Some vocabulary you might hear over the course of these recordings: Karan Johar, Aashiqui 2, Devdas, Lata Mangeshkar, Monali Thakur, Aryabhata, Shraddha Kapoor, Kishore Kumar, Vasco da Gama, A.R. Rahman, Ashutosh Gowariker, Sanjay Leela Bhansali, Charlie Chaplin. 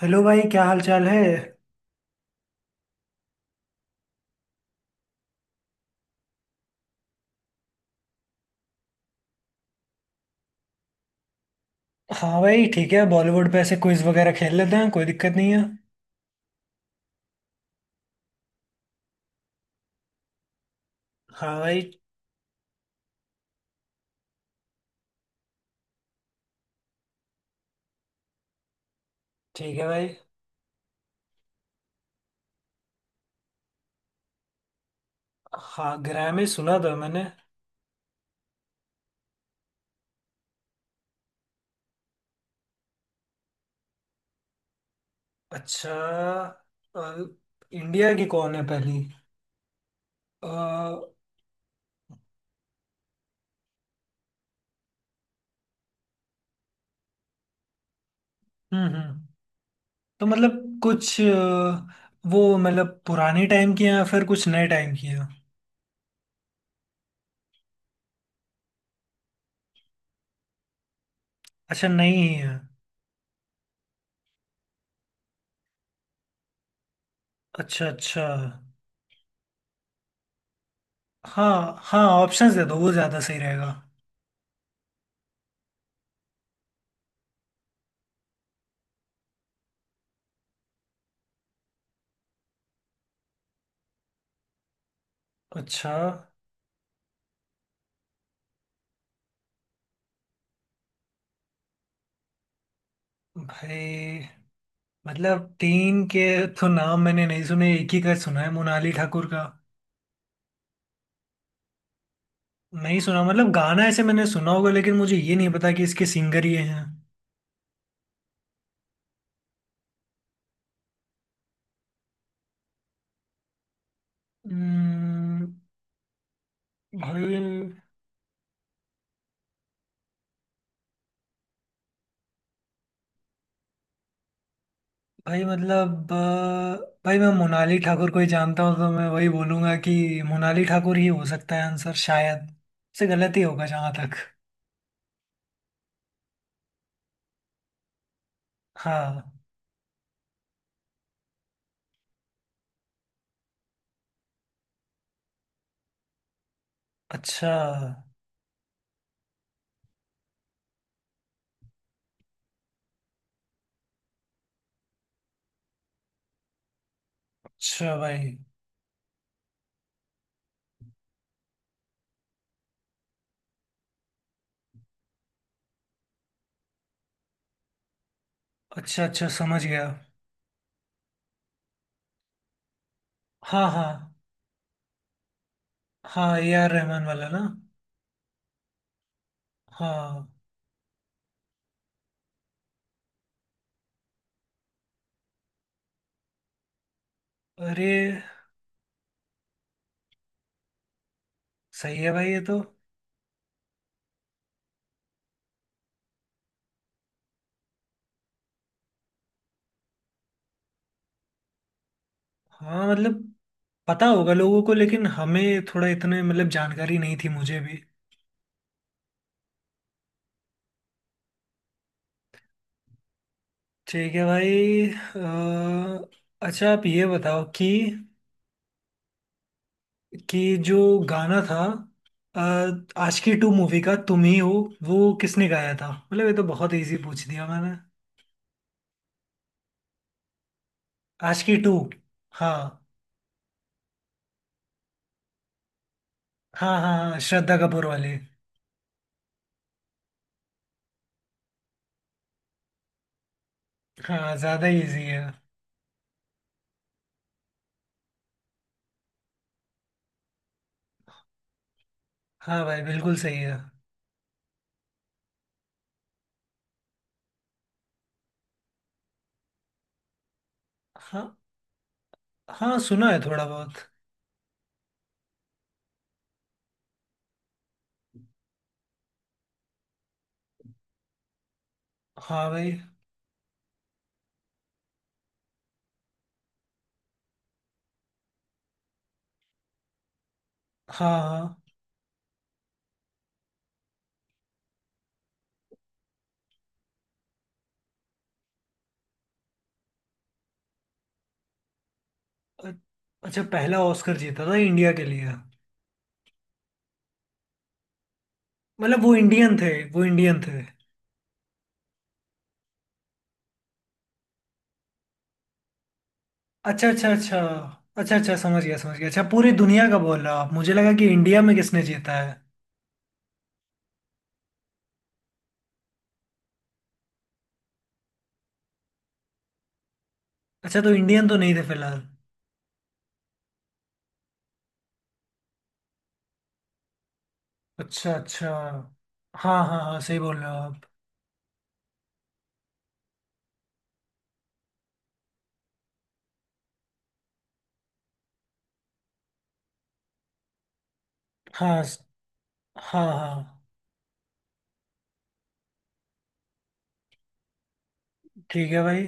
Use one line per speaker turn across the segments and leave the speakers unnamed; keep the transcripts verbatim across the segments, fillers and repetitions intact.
Hello भाई, क्या हाल चाल है? हाँ भाई, ठीक है। बॉलीवुड पे ऐसे क्विज वगैरह खेल लेते हैं, कोई दिक्कत नहीं है। हाँ भाई, ठीक है भाई। हाँ, ग्रैमी सुना था मैंने। अच्छा। अ, इंडिया की कौन है पहली? अ, हम्म। हम्म तो मतलब कुछ अ, वो मतलब पुराने टाइम की है या फिर कुछ नए टाइम की है? अच्छा, नहीं ही है। अच्छा अच्छा। हाँ हाँ, ऑप्शंस दे दो, वो ज़्यादा सही रहेगा। अच्छा भाई, मतलब तीन के तो नाम मैंने नहीं सुने, एक ही का सुना है, मोनाली ठाकुर का। नहीं सुना, मतलब गाना ऐसे मैंने सुना होगा लेकिन मुझे ये नहीं पता कि इसके सिंगर ये हैं। हम्म, भाई। भाई मतलब अ, भाई मैं मोनाली ठाकुर को ही जानता हूँ, तो मैं वही बोलूंगा कि मोनाली ठाकुर ही हो सकता है आंसर, शायद से गलत ही होगा जहाँ तक। हाँ। अच्छा अच्छा भाई। अच्छा अच्छा, समझ गया। हाँ हाँ हाँ, ए आर रहमान वाला ना। हाँ। अरे, सही है भाई ये तो। हाँ मतलब पता होगा लोगों को लेकिन हमें थोड़ा इतने मतलब जानकारी नहीं थी, मुझे भी। ठीक है भाई। अ, अच्छा, आप ये बताओ कि कि जो गाना था अ, आशिकी टू मूवी का, तुम ही हो, वो किसने गाया था? मतलब ये तो बहुत इजी पूछ दिया मैंने। आशिकी टू। हाँ हाँ हाँ, हाँ श्रद्धा कपूर वाली। हाँ, ज़्यादा इजी है। हाँ भाई, बिल्कुल सही है। हाँ हाँ, सुना है थोड़ा बहुत। हाँ भाई। हाँ हाँ। अ- अच्छा, पहला ऑस्कर जीता था इंडिया के लिए? मतलब वो इंडियन थे, वो इंडियन थे? अच्छा अच्छा अच्छा। अच्छा अच्छा, समझ गया समझ गया, अच्छा। पूरी दुनिया का बोल रहा आप, मुझे लगा कि इंडिया में किसने जीता है। अच्छा, तो इंडियन तो नहीं थे फिलहाल। अच्छा अच्छा। हाँ हाँ हाँ, सही बोल रहे हो आप। हाँ स- हाँ हाँ। ठीक है भाई।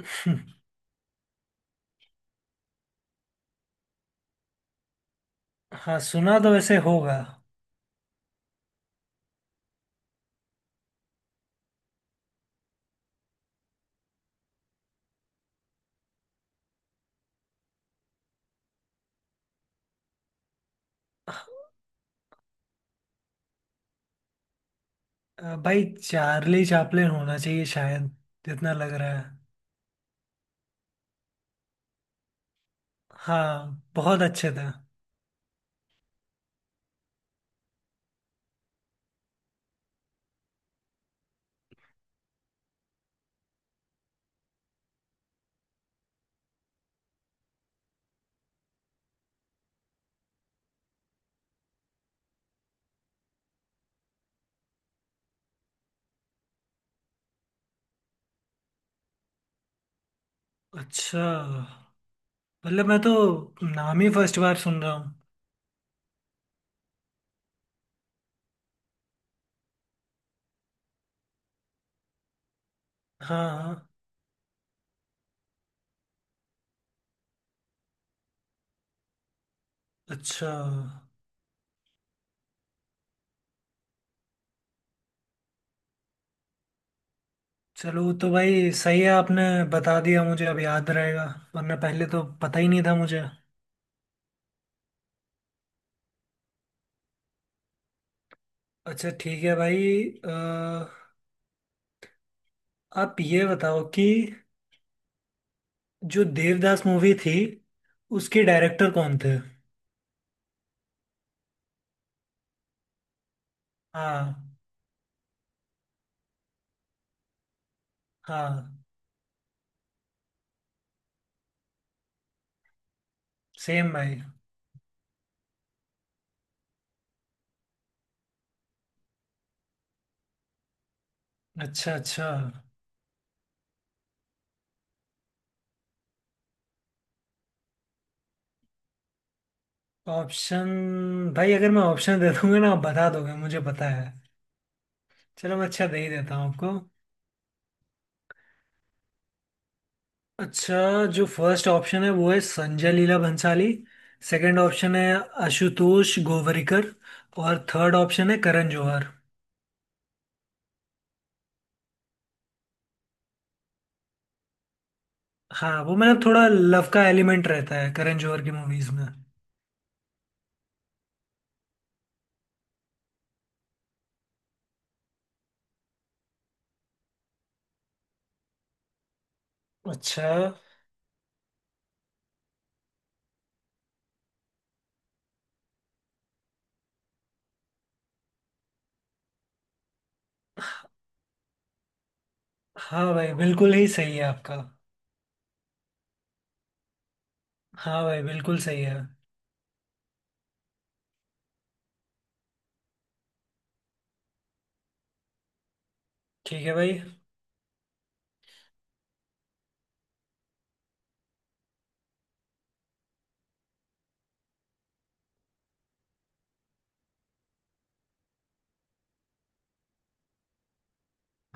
हाँ, सुना तो वैसे होगा। अ, भाई चार्ली चैपलिन होना चाहिए शायद, जितना लग रहा है। हाँ, बहुत अच्छे थे। अच्छा, मतलब मैं तो नाम ही फर्स्ट बार सुन रहा हूँ। हाँ हाँ। अच्छा, चलो तो भाई सही है, आपने बता दिया, मुझे अब याद रहेगा, वरना पहले तो पता ही नहीं था मुझे। अच्छा ठीक है भाई। अ, आप ये बताओ कि जो देवदास मूवी थी, उसके डायरेक्टर कौन थे? हाँ हाँ। सेम भाई। अच्छा अच्छा, ऑप्शन। भाई अगर मैं ऑप्शन दे दूंगा ना आप बता दोगे, मुझे पता है। चलो, मैं अच्छा दे ही देता हूँ आपको। अच्छा, जो फर्स्ट ऑप्शन है वो है संजय लीला भंसाली। सेकंड ऑप्शन है आशुतोष गोवरिकर। और थर्ड ऑप्शन है करण जौहर। हाँ, वो मतलब थोड़ा लव का एलिमेंट रहता है करण जौहर की मूवीज में। अच्छा। हाँ भाई, बिल्कुल ही सही है आपका। हाँ भाई, बिल्कुल सही है। ठीक है भाई।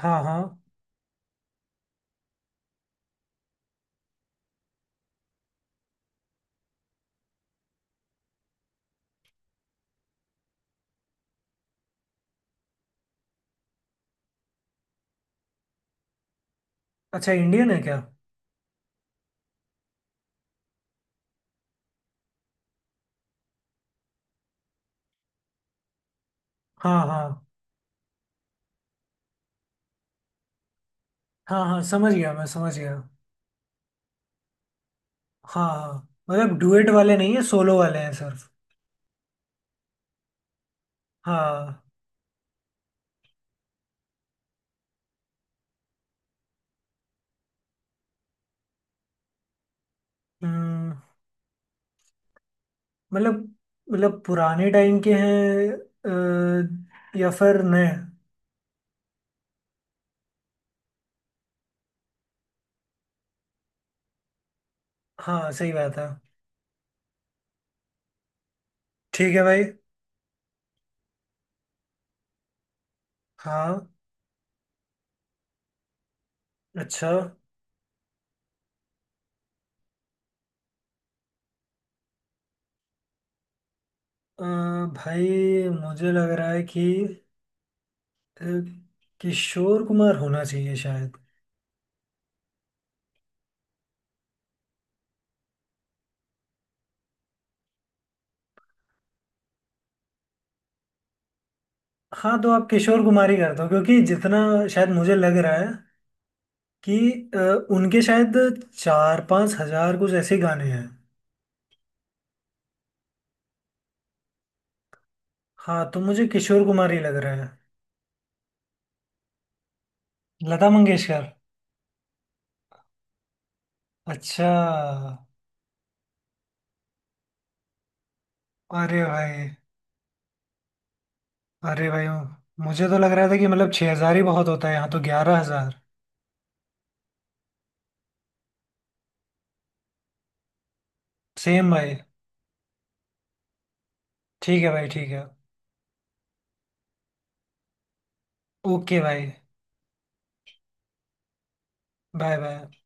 हाँ हाँ। अच्छा, इंडियन है क्या? हाँ हाँ हाँ हाँ, समझ गया मैं, समझ गया। हाँ हाँ, मतलब डुएट वाले नहीं है, सोलो वाले हैं सिर्फ। हाँ। हम्म। मतलब, मतलब पुराने टाइम के हैं अ, या फिर नए? हाँ, सही बात है। ठीक है भाई। हाँ। अच्छा। अ, भाई मुझे लग रहा है कि अ, किशोर कुमार होना चाहिए शायद। हाँ, तो आप किशोर कुमार ही कर दो, क्योंकि जितना शायद मुझे लग रहा है कि अ, उनके शायद चार पाँच हजार कुछ ऐसे गाने हैं। हाँ, तो मुझे किशोर कुमार ही लग रहा है। लता मंगेशकर। अच्छा। अरे भाई। अरे भाई, मुझे तो लग रहा था कि मतलब छः हजार ही बहुत होता है, यहाँ तो ग्यारह हजार। सेम भाई। ठीक है भाई, ठीक है। ओके भाई। Bye bye.